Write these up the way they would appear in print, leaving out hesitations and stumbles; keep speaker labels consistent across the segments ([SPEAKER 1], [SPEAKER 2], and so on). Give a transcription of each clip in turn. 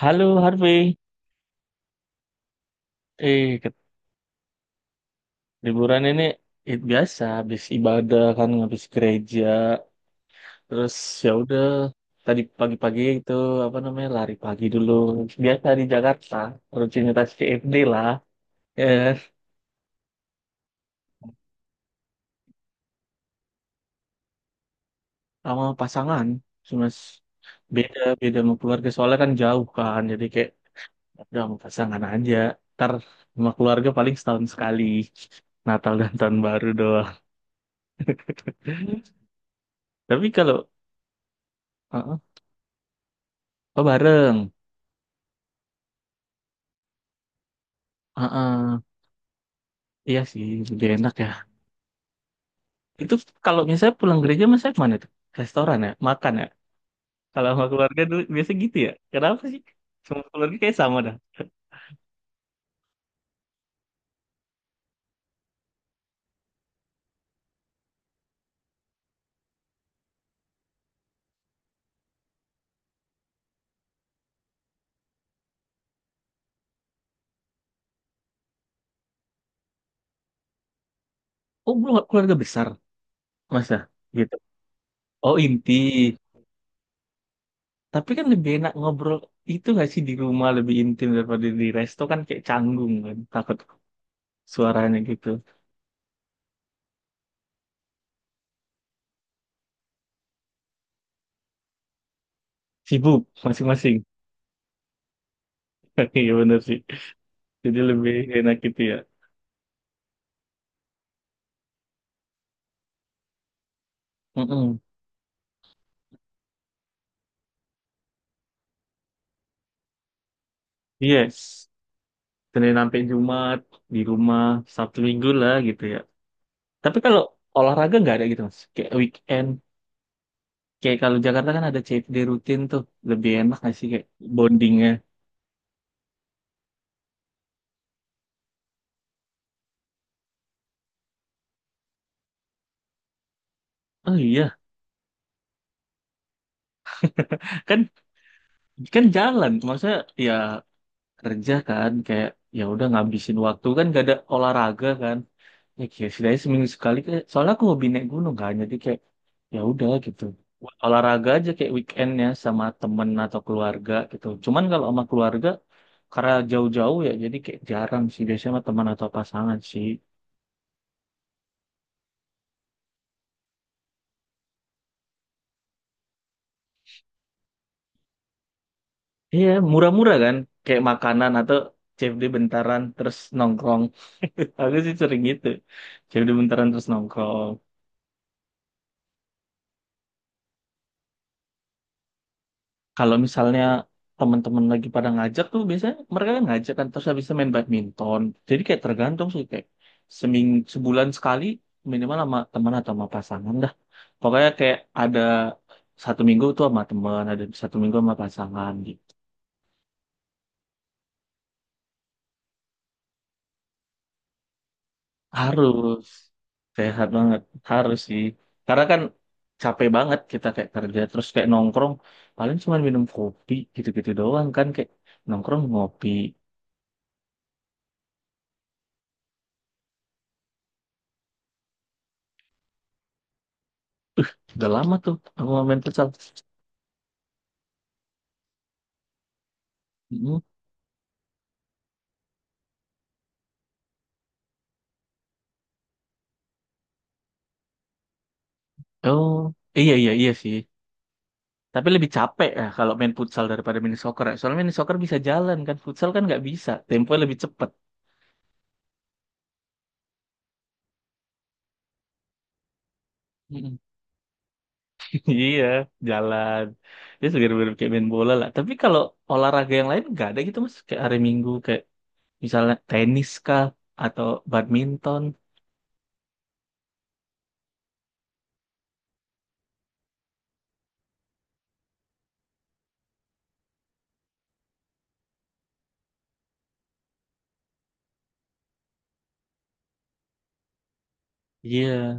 [SPEAKER 1] Halo Harvey, eh ke- liburan ini biasa habis ibadah kan, habis gereja terus ya udah. Tadi pagi-pagi itu apa namanya, lari pagi dulu, biasa di Jakarta rutinitas CFD lah. eh Sama pasangan, cuma s- beda beda sama keluarga soalnya kan jauh kan, jadi kayak udah sama pasangan aja. Ntar sama keluarga paling setahun sekali, Natal dan tahun baru doang. Tapi kalau uh-uh, oh bareng. uh Iya sih, lebih enak ya. Itu kalau misalnya pulang gereja, masa kemana tuh? Restoran ya? Makan ya? Kalau sama keluarga dulu, biasa gitu ya? Kenapa sih? Sama keluarga kayak sama dah. Oh, belum keluarga besar, masa? Gitu. Oh, inti. Tapi kan lebih enak ngobrol itu nggak sih, di rumah lebih intim daripada di resto kan, kayak canggung kan. Takut suaranya gitu. Sibuk masing-masing. Iya bener sih. Jadi lebih enak gitu ya. Mm-mm. Yes. Senin sampai Jumat di rumah, Sabtu Minggu lah gitu ya. Tapi kalau olahraga nggak ada gitu mas. Kayak weekend, kayak kalau Jakarta kan ada CFD rutin tuh, lebih enak nggak sih kayak bondingnya? Oh iya, kan kan jalan, maksudnya ya kerja kan, kayak ya udah ngabisin waktu kan, gak ada olahraga kan. Ya kayak setidaknya seminggu sekali. Soalnya aku hobi naik gunung kan, jadi kayak ya udah gitu. Olahraga aja kayak weekendnya sama temen atau keluarga gitu. Cuman kalau sama keluarga karena jauh-jauh ya, jadi kayak jarang sih, biasanya sama teman atau pasangan sih. Iya, murah-murah kan? Kayak makanan atau CFD bentaran terus nongkrong. Aku sih sering gitu. CFD bentaran terus nongkrong. Kalau misalnya teman-teman lagi pada ngajak tuh, biasanya mereka kan ngajak kan, terus habis itu main badminton. Jadi kayak tergantung sih, kayak seming sebulan sekali minimal sama teman atau sama pasangan dah. Pokoknya kayak ada satu minggu tuh sama teman, ada satu minggu sama pasangan gitu. Harus sehat banget, harus sih. Karena kan capek banget kita kayak kerja terus kayak nongkrong paling cuma minum kopi gitu-gitu doang kan, kayak nongkrong ngopi. Udah lama tuh aku nggak main futsal. Mm. Oh, iya iya iya sih. Tapi lebih capek ya kalau main futsal daripada mini soccer ya. Soalnya mini soccer bisa jalan kan, futsal kan nggak bisa. Tempo lebih cepet. Mm. Iya, jalan. Ya segar-segar kayak main bola lah. Tapi kalau olahraga yang lain nggak ada gitu mas. Kayak hari Minggu kayak misalnya tenis kah atau badminton. Iya,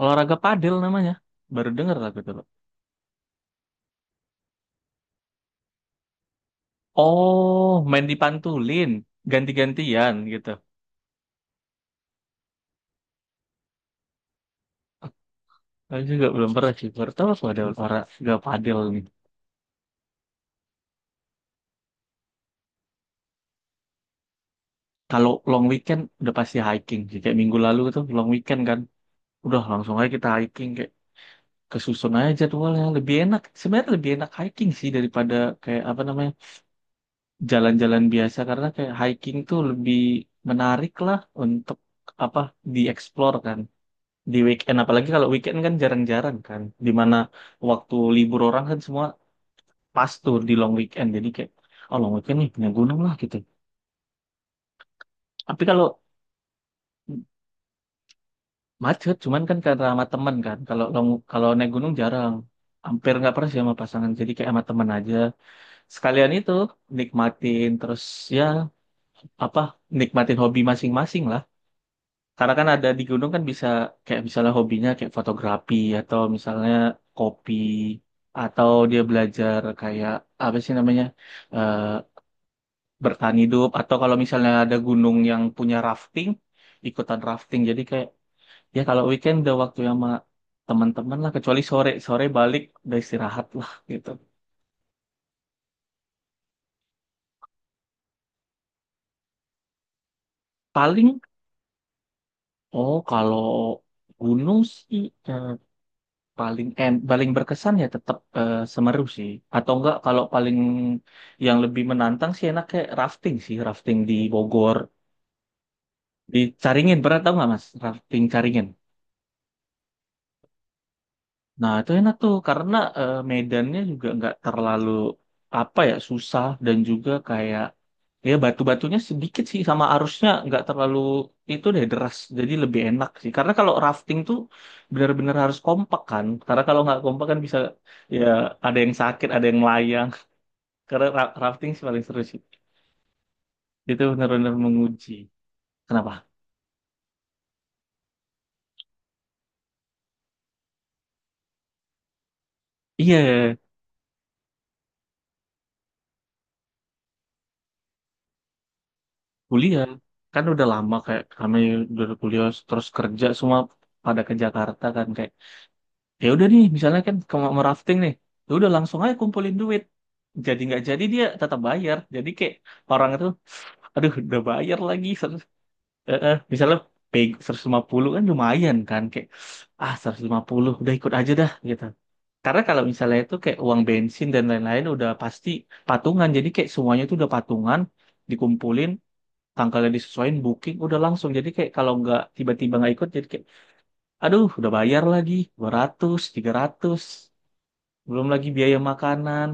[SPEAKER 1] olahraga padel namanya. Baru denger aku dulu. Oh, main dipantulin, ganti-gantian gitu. Aku juga belum pernah sih. Baru tahu aku ada olahraga padel nih. Kalau long weekend udah pasti hiking sih. Kayak minggu lalu tuh long weekend kan. Udah langsung aja kita hiking, kayak kesusun aja jadwalnya. Lebih enak. Sebenarnya lebih enak hiking sih daripada kayak apa namanya jalan-jalan biasa, karena kayak hiking tuh lebih menarik lah untuk apa dieksplor kan di weekend, apalagi kalau weekend kan jarang-jarang kan dimana waktu libur orang kan semua pas tuh di long weekend. Jadi kayak oh, long weekend nih, naik gunung lah gitu. Tapi kalau macet, cuman kan karena sama temen kan, kalau long kalau naik gunung jarang hampir nggak pernah sih sama pasangan, jadi kayak sama temen aja. Sekalian itu nikmatin terus ya apa nikmatin hobi masing-masing lah. Karena kan ada di gunung kan bisa kayak misalnya hobinya kayak fotografi, atau misalnya kopi, atau dia belajar kayak apa sih namanya, eh bertahan hidup, atau kalau misalnya ada gunung yang punya rafting, ikutan rafting. Jadi kayak ya kalau weekend udah waktu sama teman-teman lah, kecuali sore sore balik udah istirahat lah gitu. Paling oh, kalau gunung sih eh, paling berkesan ya tetap Semeru sih. Atau enggak kalau paling yang lebih menantang sih enaknya rafting sih, rafting di Bogor, di Caringin. Pernah tahu nggak Mas rafting Caringin? Nah, itu enak tuh karena medannya juga nggak terlalu apa ya, susah, dan juga kayak ya batu-batunya sedikit sih, sama arusnya nggak terlalu itu deh, deras. Jadi lebih enak sih karena kalau rafting tuh benar-benar harus kompak kan, karena kalau nggak kompak kan bisa ya ada yang sakit, ada yang melayang. Karena rafting sih paling seru sih. Itu benar-benar menguji kenapa. Iya, kuliah kan udah lama kayak kami udah kuliah terus kerja semua pada ke Jakarta kan, kayak ya udah nih misalnya kan kalau mau rafting nih ya udah langsung aja kumpulin duit. Jadi nggak jadi, dia tetap bayar, jadi kayak orang itu aduh udah bayar lagi, misalnya pay 150 kan lumayan kan, kayak ah, 150, udah ikut aja dah gitu. Karena kalau misalnya itu kayak uang bensin dan lain-lain udah pasti patungan, jadi kayak semuanya itu udah patungan, dikumpulin, tanggalnya disesuaikan, booking, udah langsung. Jadi kayak kalau nggak tiba-tiba nggak ikut jadi kayak aduh udah bayar lagi 200 300, belum lagi biaya makanan.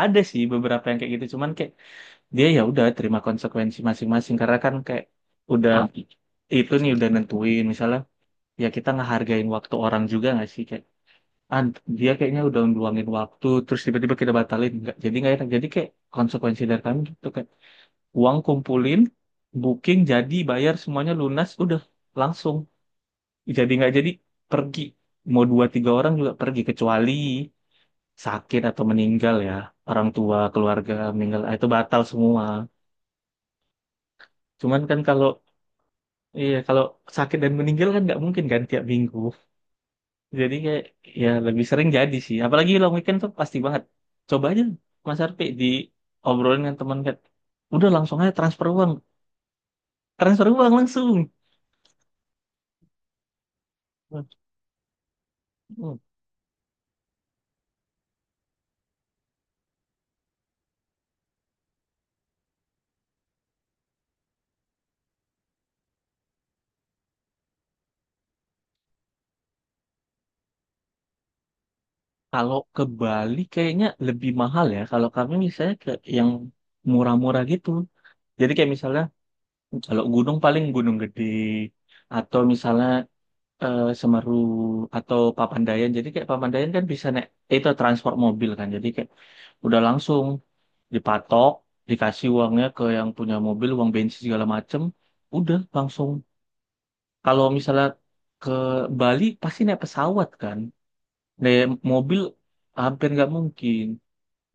[SPEAKER 1] Ada sih beberapa yang kayak gitu cuman kayak dia ya udah terima konsekuensi masing-masing, karena kan kayak udah itu nih udah nentuin misalnya ya, kita ngehargain waktu orang juga nggak sih, kayak ah, dia kayaknya udah ngeluangin waktu terus tiba-tiba kita batalin nggak jadi, nggak enak. Jadi kayak konsekuensi dari kami gitu, kayak uang kumpulin, booking, jadi bayar semuanya lunas udah langsung. Jadi nggak jadi pergi, mau dua tiga orang juga pergi, kecuali sakit atau meninggal ya, orang tua, keluarga meninggal, ah itu batal semua. Cuman kan kalau iya, kalau sakit dan meninggal kan nggak mungkin kan tiap minggu, jadi kayak ya lebih sering jadi sih, apalagi long weekend tuh pasti banget. Coba aja Mas Arpi di obrolin dengan teman, kayak udah langsung aja transfer uang, transfer uang langsung. Hmm. Kalau ke Bali kayaknya lebih mahal ya. Kalau kami misalnya ke yang murah-murah gitu. Jadi kayak misalnya kalau gunung paling gunung gede, atau misalnya Semeru atau Papandayan. Jadi kayak Papandayan kan bisa naik itu transport mobil kan. Jadi kayak udah langsung dipatok, dikasih uangnya ke yang punya mobil, uang bensin segala macem, udah langsung. Kalau misalnya ke Bali pasti naik pesawat kan. Naik mobil hampir nggak mungkin.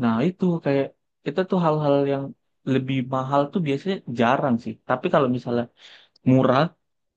[SPEAKER 1] Nah itu kayak itu tuh hal-hal yang lebih mahal tuh biasanya jarang sih. Tapi kalau misalnya murah,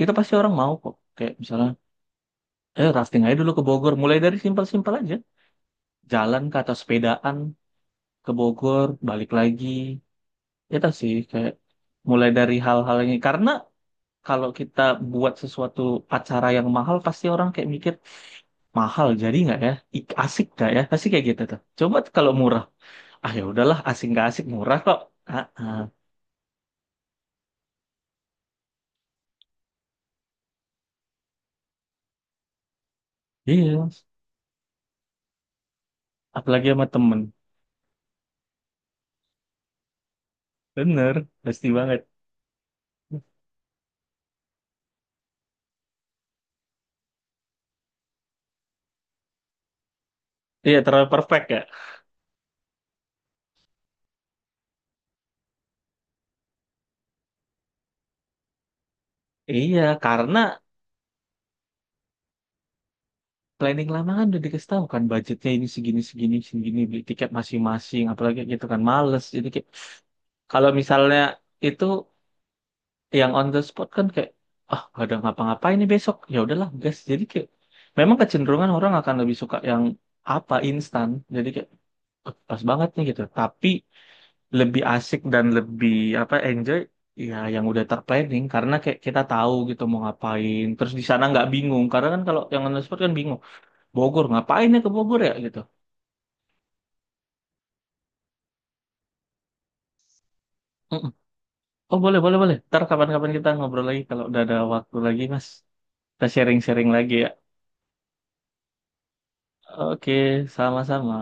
[SPEAKER 1] itu pasti orang mau kok. Kayak misalnya, rafting aja dulu ke Bogor. Mulai dari simpel-simpel aja. Jalan ke atas sepedaan ke Bogor, balik lagi. Itu sih kayak mulai dari hal-hal ini. Karena kalau kita buat sesuatu acara yang mahal, pasti orang kayak mikir, mahal jadi nggak ya? Asik nggak ya? Pasti kayak gitu tuh. Coba kalau murah. Ah ya udahlah, asik nggak asik, murah kok. Ah, ah. Iya, apalagi sama temen. Bener, pasti banget. Iya, terlalu perfect ya? Iya, karena planning lama kan udah dikasih tahu kan budgetnya ini segini segini segini, beli tiket masing-masing, apalagi gitu kan males. Jadi kayak kalau misalnya itu yang on the spot kan kayak ah gak ada ngapa-ngapain nih besok, ya udahlah guys, jadi kayak memang kecenderungan orang akan lebih suka yang apa, instan. Jadi kayak "Eh, pas banget nih" gitu. Tapi lebih asik dan lebih apa, enjoy ya yang udah terplanning, karena kayak kita tahu gitu mau ngapain, terus di sana nggak bingung. Karena kan kalau yang on the spot kan bingung, Bogor ngapain ya, ke Bogor ya gitu. Mm-mm. Oh boleh boleh boleh. Ntar kapan-kapan kita ngobrol lagi kalau udah ada waktu lagi Mas. Kita sharing-sharing lagi ya. Oke, sama-sama.